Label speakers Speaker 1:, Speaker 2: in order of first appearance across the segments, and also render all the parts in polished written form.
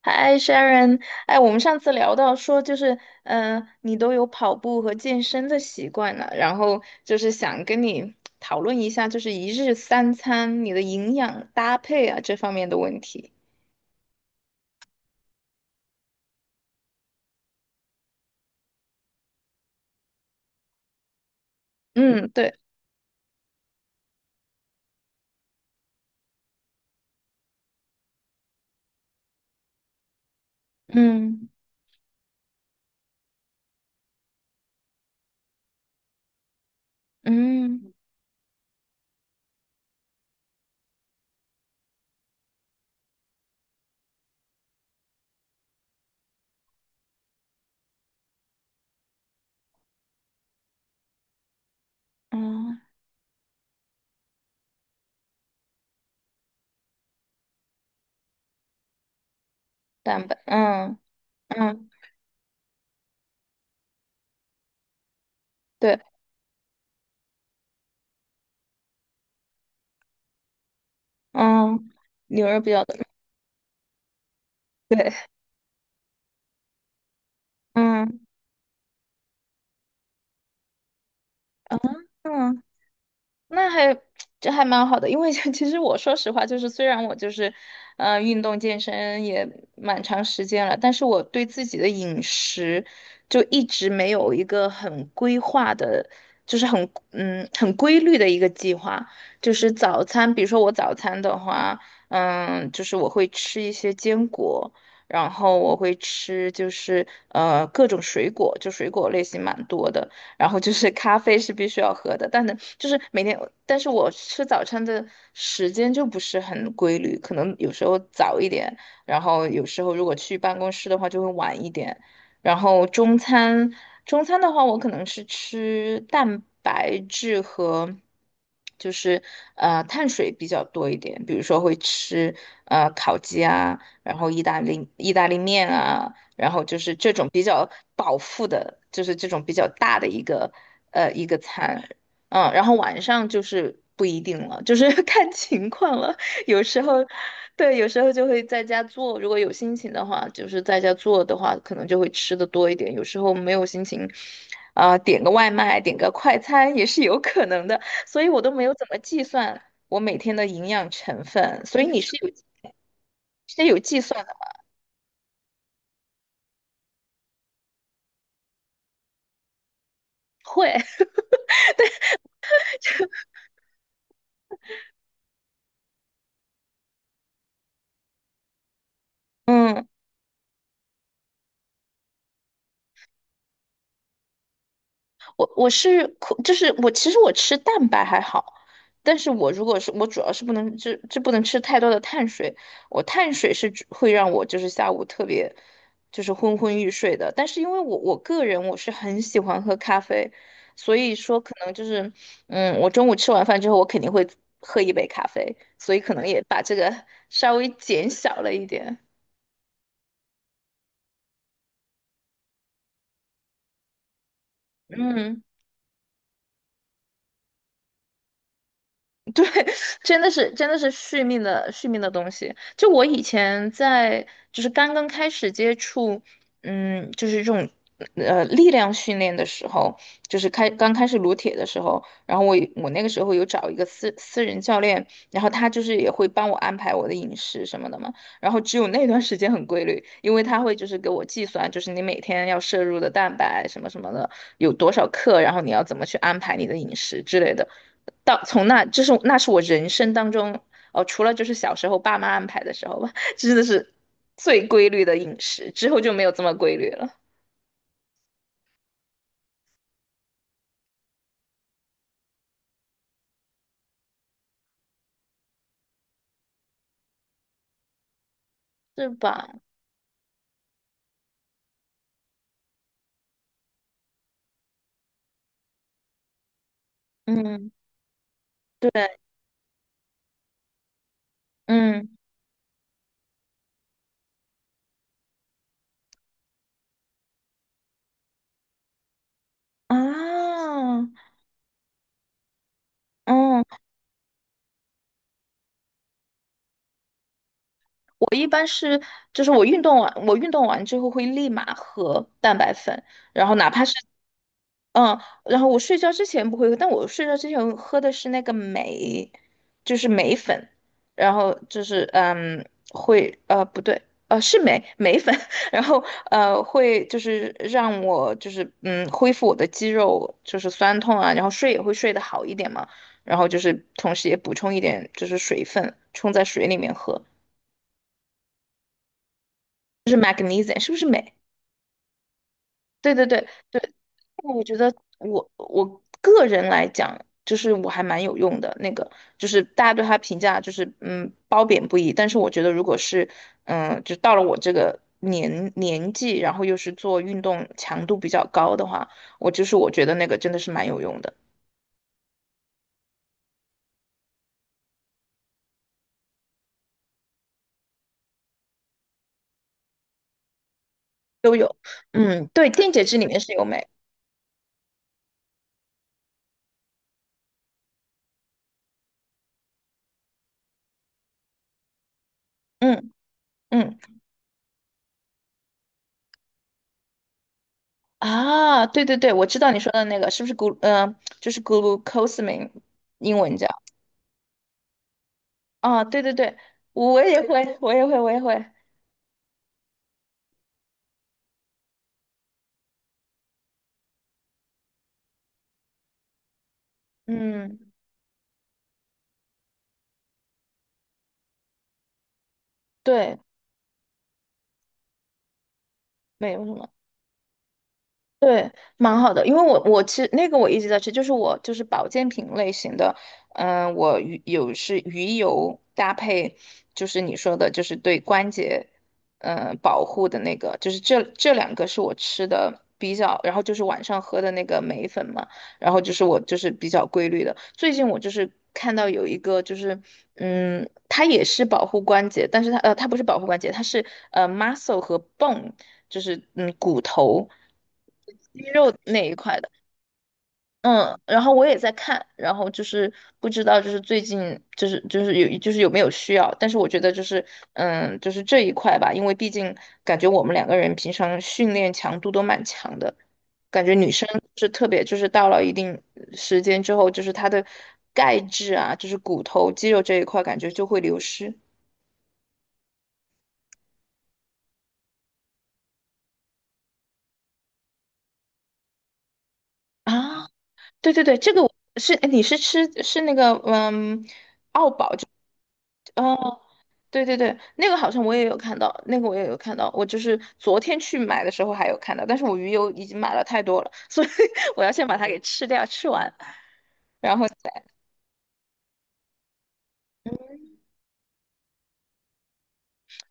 Speaker 1: 嗨，Sharon，哎，我们上次聊到说，就是，你都有跑步和健身的习惯了，然后就是想跟你讨论一下，就是一日三餐你的营养搭配啊这方面的问题。嗯。对。嗯嗯嗯。蛋白。嗯嗯。对。嗯。牛肉比较多。对。嗯嗯。那还 这还蛮好的，因为 其实我说实话，就是虽然我就是，运动健身也蛮长时间了，但是我对自己的饮食就一直没有一个很规划的，就是很很规律的一个计划。就是早餐，比如说我早餐的话，就是我会吃一些坚果，然后我会吃就是各种水果，就水果类型蛮多的。然后就是咖啡是必须要喝的，但呢，就是每天，但是我吃早餐的时间就不是很规律，可能有时候早一点，然后有时候如果去办公室的话就会晚一点，然后中餐，中餐的话我可能是吃蛋白质和，就是碳水比较多一点，比如说会吃烤鸡啊，然后意大利面啊，然后就是这种比较饱腹的，就是这种比较大的一个餐，然后晚上就是不一定了，就是 看情况了。有时候，对，有时候就会在家做，如果有心情的话，就是在家做的话，可能就会吃的多一点。有时候没有心情，点个外卖，点个快餐也是有可能的。所以我都没有怎么计算我每天的营养成分，所以你是有计算的。会。嗯。我就是我其实吃蛋白还好，但是我如果是我主要是不能就不能吃太多的碳水，我碳水是只会让我就是下午特别就是昏昏欲睡的，但是因为我个人我是很喜欢喝咖啡，所以说可能就是我中午吃完饭之后我肯定会喝一杯咖啡，所以可能也把这个 稍微减小了一点。嗯。对，真的是真的是续命的续命的东西。就我以前在就是刚刚开始接触，就是这种力量训练的时候，就是刚开始撸铁的时候，然后我那个时候有找一个私人教练，然后他就是也会帮我安排我的饮食什么的嘛。然后只有那段时间很规律，因为他会就是给我计算，就是你每天要摄入的蛋白什么什么的有多少克，然后你要怎么去安排你的饮食之类的。到从那，这是那是我人生当中，哦，除了就是小时候爸妈安排的时候吧，真的是最规律的饮食，之后就没有这么规律了，是吧？嗯。对。嗯啊。嗯。我一般是就是我运动完之后会立马喝蛋白粉，然后哪怕是嗯，然后我睡觉之前不会喝，但我睡觉之前喝的是那个镁，就是镁粉，然后就是会不对是镁粉，然后会就是让我就是恢复我的肌肉就是酸痛啊，然后睡也会睡得好一点嘛，然后就是同时也补充一点就是水分，冲在水里面喝，就是 magnesium 是不是镁？对对对对。那我觉得我个人来讲，就是我还蛮有用的。那个就是大家对他评价就是褒贬不一，但是我觉得如果是就到了我这个年纪，然后又是做运动强度比较高的话，我就是我觉得那个真的是蛮有用的。都有。嗯，对，电解质里面是有镁。嗯嗯啊。对对对，我知道你说的那个是不是 g 就是 glucosamine 英文叫？啊，对对对，我也会，我也会，我也会。嗯，对。没有什么。对，蛮好的，因为我其实那个我一直在吃，就是我就是保健品类型的，我鱼有是鱼油搭配，就是你说的，就是对关节，保护的那个，就是这两个是我吃的比较，然后就是晚上喝的那个镁粉嘛，然后就是我就是比较规律的，最近我就是看到有一个就是，它也是保护关节，但是它它不是保护关节，它是muscle 和 bone。就是骨头、肌肉那一块的。嗯，然后我也在看，然后就是不知道就是最近就是就是有就是有没有需要，但是我觉得就是就是这一块吧，因为毕竟感觉我们两个人平常训练强度都蛮强的，是特别就是到了一定时间之后，就是它的钙质啊，就是骨头肌肉这一块感觉就会流失。啊，对对对，这个我是，哎你是那个，呃对对对，那个好像我也有看到，那个我也有看到，我就是昨天去买的时候还有看到，但是我鱼油已经买了太多了，所以 我要先把它给吃掉，吃完，然后再，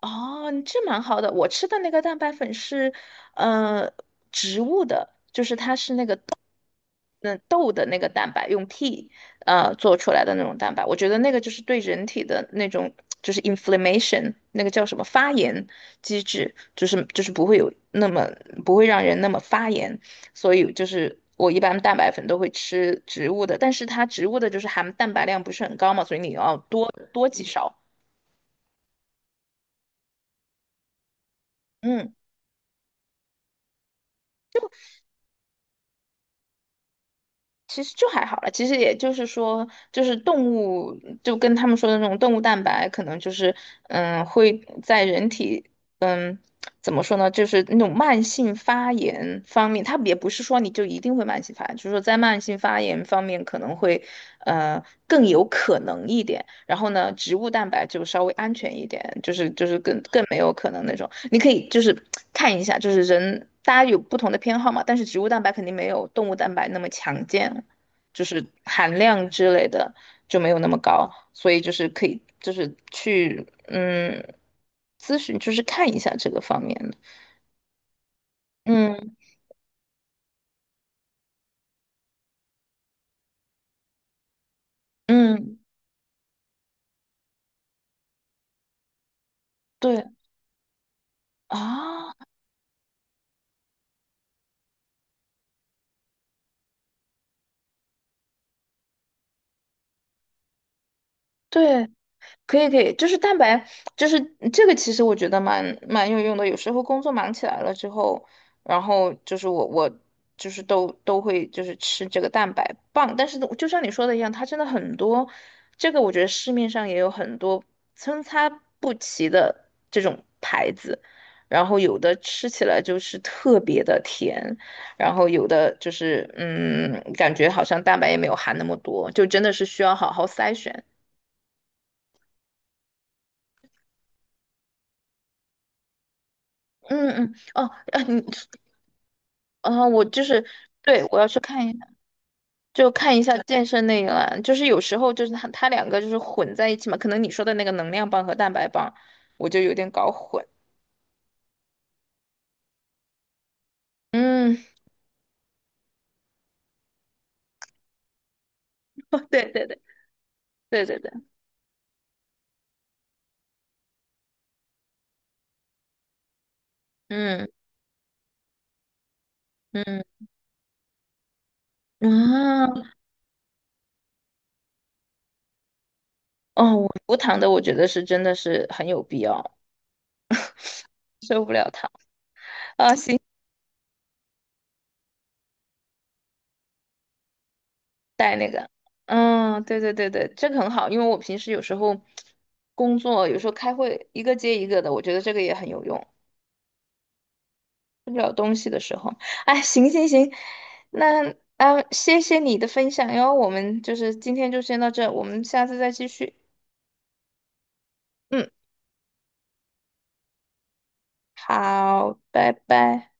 Speaker 1: 哦，这蛮好的。我吃的那个蛋白粉是，呃，植物的，那豆的那个蛋白用 T 做出来的那种蛋白，我觉得那个就是对人体的那种就是 inflammation 那个叫什么发炎机制，就是不会有那么不会让人那么发炎，所以就是我一般蛋白粉都会吃植物的，但是它植物的就是含蛋白量不是很高嘛，所以你要多多几勺。嗯。其实就还好了，其实也就是说，就是动物就跟他们说的那种动物蛋白，可能就是会在人体嗯怎么说呢，就是那种慢性发炎方面，它也不是说你就一定会慢性发炎，就是说在慢性发炎方面可能会呃更有可能一点。然后呢，植物蛋白就稍微安全一点，就是就是更没有可能那种。你可以就是看一下，就是人大家有不同的偏好嘛，但是植物蛋白肯定没有动物蛋白那么强健。就是含量之类的就没有那么高，所以就是可以就是去咨询，就是看一下这个方面的。嗯嗯。对啊。对。可以可以，就是蛋白，就是这个，其实我觉得蛮有用的。有时候工作忙起来了之后，然后就是我就是都会就是吃这个蛋白棒，但是就像你说的一样，它真的很多，这个我觉得市面上也有很多参差不齐的这种牌子，然后有的吃起来就是特别的甜，然后有的就是感觉好像蛋白也没有含那么多，就真的是需要好好筛选。嗯嗯。哦。啊你。啊，我就是。对，我要去看一下，就看一下健身那一栏，就是有时候就是它两个就是混在一起嘛，可能你说的那个能量棒和蛋白棒，我就有点搞混。嗯。对对对对对对。嗯嗯啊。哦。我无糖的我觉得是真的是很有必要，受不了糖啊，行，带那个，嗯。对对对对，这个很好，因为我平时有时候工作有时候开会一个接一个的，我觉得这个也很有用。吃不了东西的时候。哎，行行行，那啊，谢谢你的分享哟。我们就是今天就先到这，我们下次再继续。嗯。好，拜拜。